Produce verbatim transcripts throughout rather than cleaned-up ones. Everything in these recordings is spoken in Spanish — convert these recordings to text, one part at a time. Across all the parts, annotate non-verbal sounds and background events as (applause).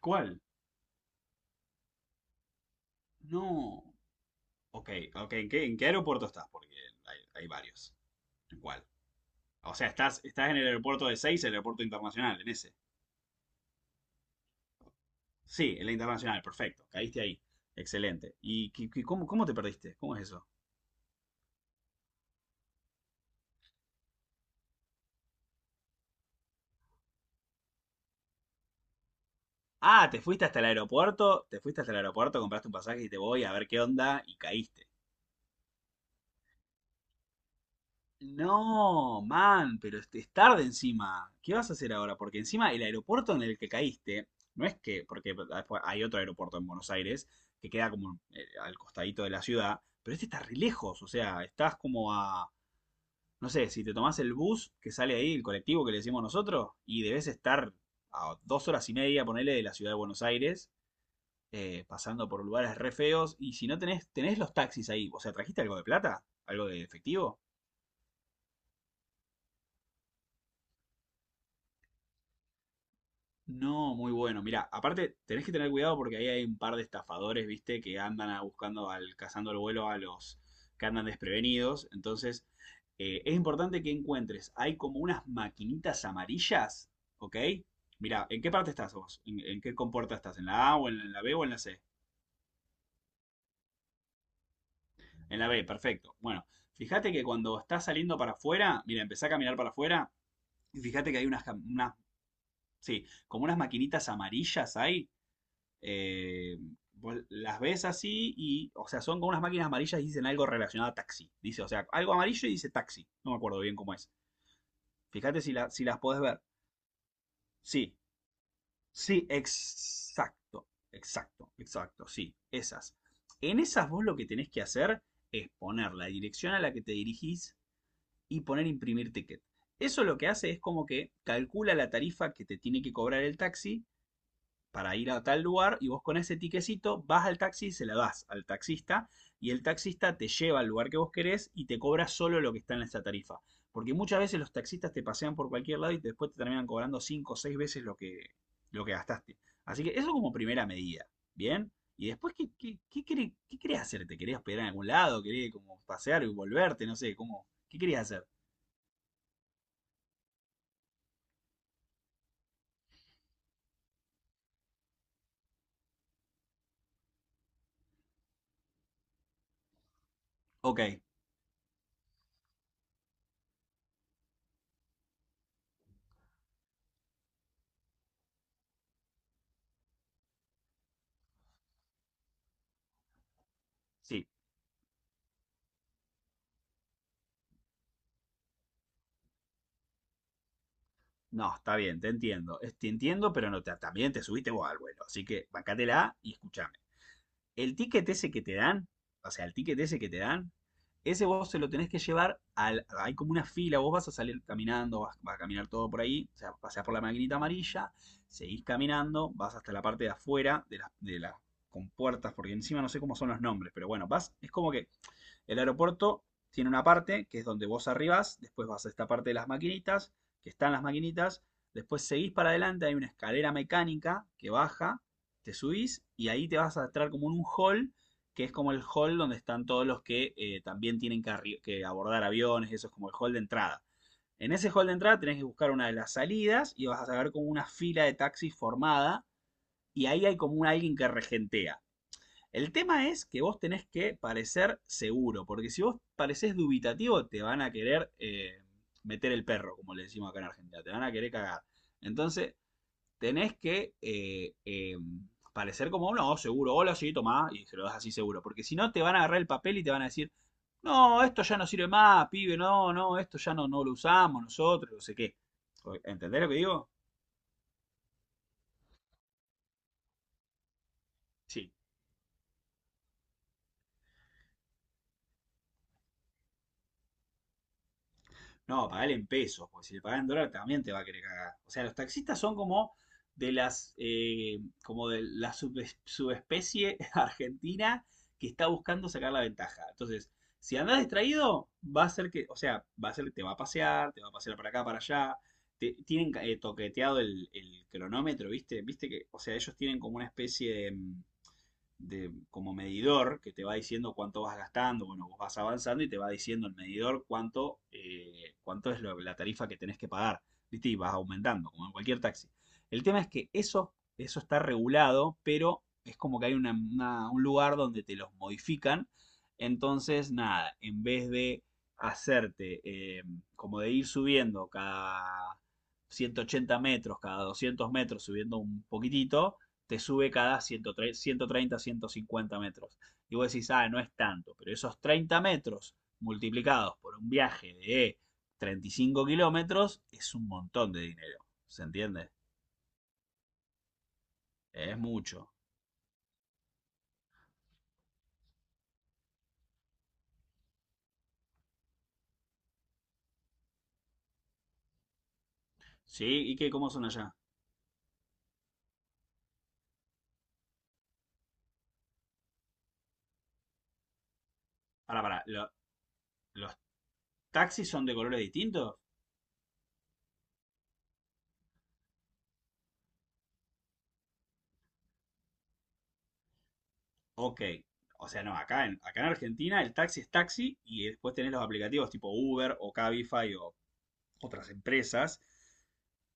¿Cuál? No. Ok, ok. ¿En qué, en qué aeropuerto estás? Porque hay, hay varios. ¿En cuál? O sea, estás, estás en el aeropuerto de Seis, el aeropuerto internacional, en ese. Sí, en la internacional, perfecto. Caíste ahí. Excelente. ¿Y qué- qué- cómo, cómo te perdiste? ¿Cómo es eso? Ah, te fuiste hasta el aeropuerto, te fuiste hasta el aeropuerto, compraste un pasaje y te voy a ver qué onda y caíste. No, man, pero es es tarde encima. ¿Qué vas a hacer ahora? Porque encima el aeropuerto en el que caíste, no es que, porque después hay otro aeropuerto en Buenos Aires que queda como eh, al costadito de la ciudad, pero este está re lejos, o sea, estás como a, no sé, si te tomás el bus que sale ahí, el colectivo que le decimos nosotros, y debes estar a dos horas y media, ponele, de la ciudad de Buenos Aires, eh, pasando por lugares re feos, y si no tenés, tenés los taxis ahí, o sea, ¿trajiste algo de plata? ¿Algo de efectivo? No, muy bueno. Mira, aparte tenés que tener cuidado porque ahí hay un par de estafadores, viste, que andan a- buscando al, cazando el vuelo a los que andan desprevenidos. Entonces, eh, es importante que encuentres. Hay como unas maquinitas amarillas, ¿ok? Mira, ¿en qué parte estás vos? ¿En, en qué compuerta estás? ¿En la A o en la B o en la C? En la B, perfecto. Bueno, fíjate que cuando estás saliendo para afuera, mira, empezá a caminar para afuera y fíjate que hay unas, cam- unas, sí, como unas maquinitas amarillas ahí, eh, vos las ves así y, o sea, son como unas máquinas amarillas y dicen algo relacionado a taxi. Dice, o sea, algo amarillo y dice taxi. No me acuerdo bien cómo es. Fíjate si, la, si las podés ver. Sí, sí, exacto, exacto, exacto, sí, esas. En esas vos lo que tenés que hacer es poner la dirección a la que te dirigís y poner imprimir ticket. Eso lo que hace es como que calcula la tarifa que te tiene que cobrar el taxi para ir a tal lugar y vos con ese tiquecito vas al taxi y se la das al taxista y el taxista te lleva al lugar que vos querés y te cobra solo lo que está en esa tarifa. Porque muchas veces los taxistas te pasean por cualquier lado y después te terminan cobrando cinco o seis veces lo que, lo que, gastaste. Así que eso como primera medida, ¿bien? Y después, ¿qué, qué, qué, querés, qué querés hacer? ¿Te querés hospedar en algún lado? ¿Querés como pasear y volverte? No sé, ¿cómo? ¿Qué querías hacer? Ok, sí. No, está bien, te entiendo. Es- Te entiendo, pero no te- también te subiste vos al vuelo. Así que bancátela y escúchame. El ticket ese que te dan, o sea, el ticket ese que te dan, ese vos se lo tenés que llevar al. Hay como una fila, vos vas a salir caminando, vas, vas a caminar todo por ahí, o sea, pasás por la maquinita amarilla, seguís caminando, vas hasta la parte de afuera de las, de las compuertas, porque encima no sé cómo son los nombres, pero bueno, vas, es como que el aeropuerto tiene una parte que es donde vos arribás, después vas a esta parte de las maquinitas, que están las maquinitas, después seguís para adelante, hay una escalera mecánica que baja, te subís y ahí te vas a entrar como en un hall, que es como el hall donde están todos los que eh, también tienen que, que abordar aviones, eso es como el hall de entrada. En ese hall de entrada tenés que buscar una de las salidas y vas a ver como una fila de taxis formada y ahí hay como un alguien que regentea. El tema es que vos tenés que parecer seguro, porque si vos parecés dubitativo, te van a querer eh, meter el perro, como le decimos acá en Argentina, te van a querer cagar. Entonces, tenés que eh, eh, parecer como, no, seguro, hola, sí, tomá, y se lo das así seguro, porque si no, te van a agarrar el papel y te van a decir, no, esto ya no sirve más, pibe, no, no, esto ya no, no lo usamos nosotros, no sé qué. ¿Entendés lo que digo? Sí. No, pagale en pesos, porque si le pagas en dólar también te va a querer cagar. O sea, los taxistas son como de las, eh, como de la subes- subespecie (laughs) argentina que está buscando sacar la ventaja. Entonces, si andás distraído, va a ser que, o sea, va a ser que te va a pasear, te va a pasear para acá, para allá. Te- tienen eh, toqueteado el, el cronómetro, ¿viste? ¿Viste que, o sea, ellos tienen como una especie de, mm, de, como medidor que te va diciendo cuánto vas gastando, bueno, vos vas avanzando y te va diciendo el medidor cuánto, eh, cuánto es lo- la tarifa que tenés que pagar, ¿viste? Y vas aumentando, como en cualquier taxi. El tema es que eso, eso está regulado, pero es como que hay una- una- un lugar donde te los modifican. Entonces, nada, en vez de hacerte eh, como de ir subiendo cada ciento ochenta metros, cada doscientos metros, subiendo un poquitito, te sube cada ciento treinta, ciento treinta, ciento cincuenta metros. Y vos decís, ah, no es tanto, pero esos treinta metros multiplicados por un viaje de treinta y cinco kilómetros es un montón de dinero, ¿se entiende? Es mucho. ¿Sí? ¿Y qué, cómo son allá? Para, para, ¿lo- ¿los taxis son de colores distintos? Ok. O sea, no, acá en, acá en Argentina el taxi es taxi y después tenés los aplicativos tipo Uber o Cabify o otras empresas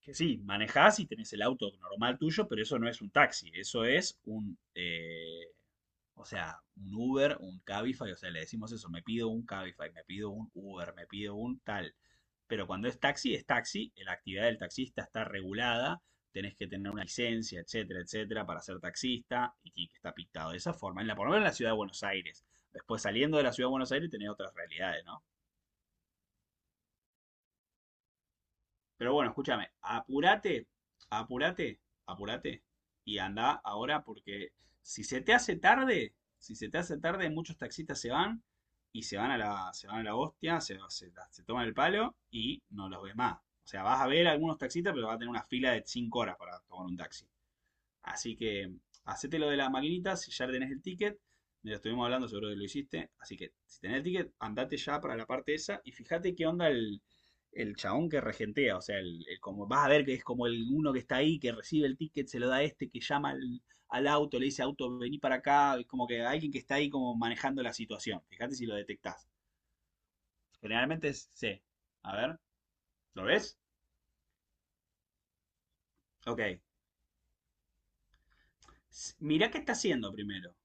que sí, manejás y tenés el auto normal tuyo, pero eso no es un taxi, eso es un, eh, o sea, un Uber, un Cabify, o sea, le decimos eso, me pido un Cabify, me pido un Uber, me pido un tal. Pero cuando es taxi, es taxi, la actividad del taxista está regulada, tenés que tener una licencia, etcétera, etcétera, para ser taxista, y tiene que estar pintado de esa forma, en la, por lo menos en la ciudad de Buenos Aires. Después saliendo de la ciudad de Buenos Aires tenés otras realidades, ¿no? Pero bueno, escúchame, apúrate, apúrate, apúrate y anda ahora porque si se te hace tarde, si se te hace tarde, muchos taxistas se van y se van a la, se van a la hostia, se, se- se toman el palo y no los ves más. O sea, vas a ver algunos taxistas, pero vas a tener una fila de cinco horas para tomar un taxi. Así que hacete lo de la maquinita si ya tenés el ticket. Ya estuvimos hablando, seguro que lo hiciste. Así que si tenés el ticket, andate ya para la parte esa y fíjate qué onda el, el chabón que regentea. O sea, el, el como, vas a ver que es como el uno que está ahí, que recibe el ticket, se lo da a este, que llama al, al auto, le dice auto, vení para acá. Es como que alguien que está ahí como manejando la situación. Fíjate si lo detectás. Generalmente es C. A ver, ¿lo ves? Ok. S- Mirá qué está haciendo primero.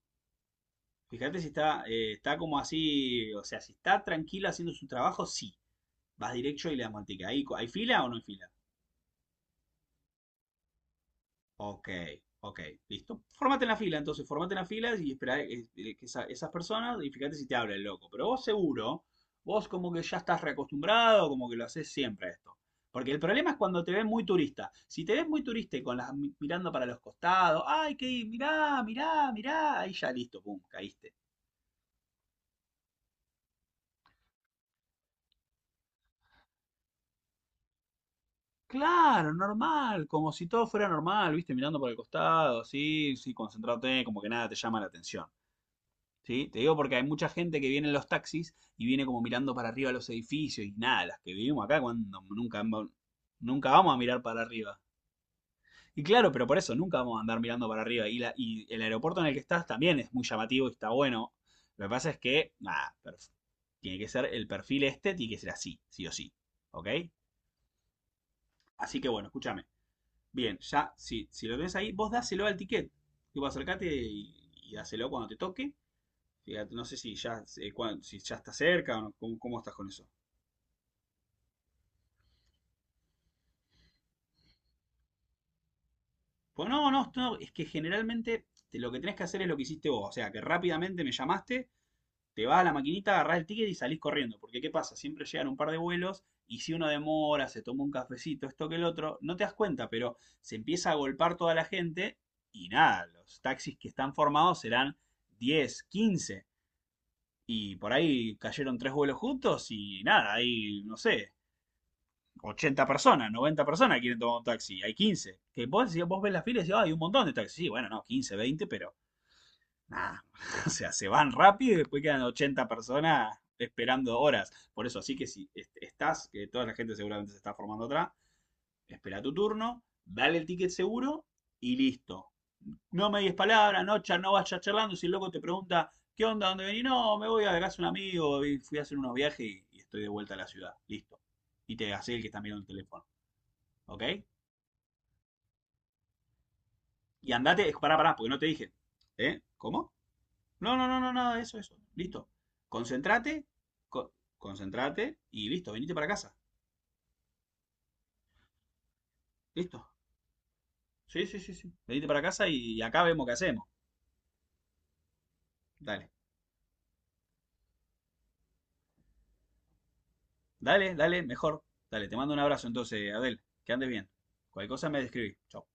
Fíjate si está, eh, está como así, o sea, si está tranquila haciendo su trabajo, sí. Vas directo y le das manteca. ¿Hay, ¿Hay fila o no hay fila? Ok, ok, listo. Formate en la fila, entonces, formate en la fila y espera eh, eh, que esa- esas personas y fíjate si te habla el loco. Pero vos seguro, vos como que ya estás reacostumbrado, como que lo haces siempre esto. Porque el problema es cuando te ves muy turista. Si te ves muy turista y con las mirando para los costados, ay, que mirá, mirá, mirá, ahí ya listo, pum, caíste. Claro, normal, como si todo fuera normal, viste, mirando por el costado, sí, sí, concentrate, como que nada te llama la atención, ¿sí? Te digo porque hay mucha gente que viene en los taxis y viene como mirando para arriba los edificios y nada, las que vivimos acá cuando nunca, va- nunca vamos a mirar para arriba. Y claro, pero por eso nunca vamos a andar mirando para arriba. Y, la- y el aeropuerto en el que estás también es muy llamativo y está bueno. Lo que pasa es que, nada, perf- tiene que ser el perfil este, tiene que ser así, sí o sí, ¿ok? Así que bueno, escúchame. Bien, ya, si, si lo tenés ahí, vos dáselo al ticket. Tipo, acercate y, y dáselo cuando te toque. Fíjate, no sé si ya, eh, cuan- si ya está cerca o no, cómo, cómo estás con eso. Pues no, no, no, es que generalmente lo que tenés que hacer es lo que hiciste vos. O sea, que rápidamente me llamaste, te vas a la maquinita, agarrás el ticket y salís corriendo. Porque, ¿qué pasa? Siempre llegan un par de vuelos y si uno demora, se toma un cafecito, esto que el otro, no te das cuenta, pero se empieza a golpar toda la gente y nada, los taxis que están formados serán diez quince. Y por ahí cayeron tres vuelos juntos y nada, ahí, no sé, ochenta personas, noventa personas quieren tomar un taxi, hay quince. Que vos, si vos ves las filas y decís, ah, hay un montón de taxis. Sí, bueno, no, quince veinte pero nada. (laughs) O sea, se van rápido y después quedan ochenta personas esperando horas. Por eso, así que si est- estás, que toda la gente seguramente se está formando atrás, espera tu turno, dale el ticket seguro y listo, no medias palabras, no, cha- no vayas charlando. Si el loco te pregunta, ¿qué onda? ¿Dónde venís? No, me voy a la casa de un amigo, fui a hacer unos viajes y, y estoy de vuelta a la ciudad. Listo. Y te hace el que está mirando el teléfono. ¿Ok? Y andate, pará, pará, porque no te dije. ¿Eh? ¿Cómo? No, no, no, no, nada de eso, eso. Listo. Concentrate, co- concentrate y listo, venite para casa. Listo. Sí, sí, sí, sí. Venite para casa y acá vemos qué hacemos. Dale, dale, dale, mejor. Dale, te mando un abrazo entonces, Adel. Que andes bien. Cualquier cosa me describí. Chau.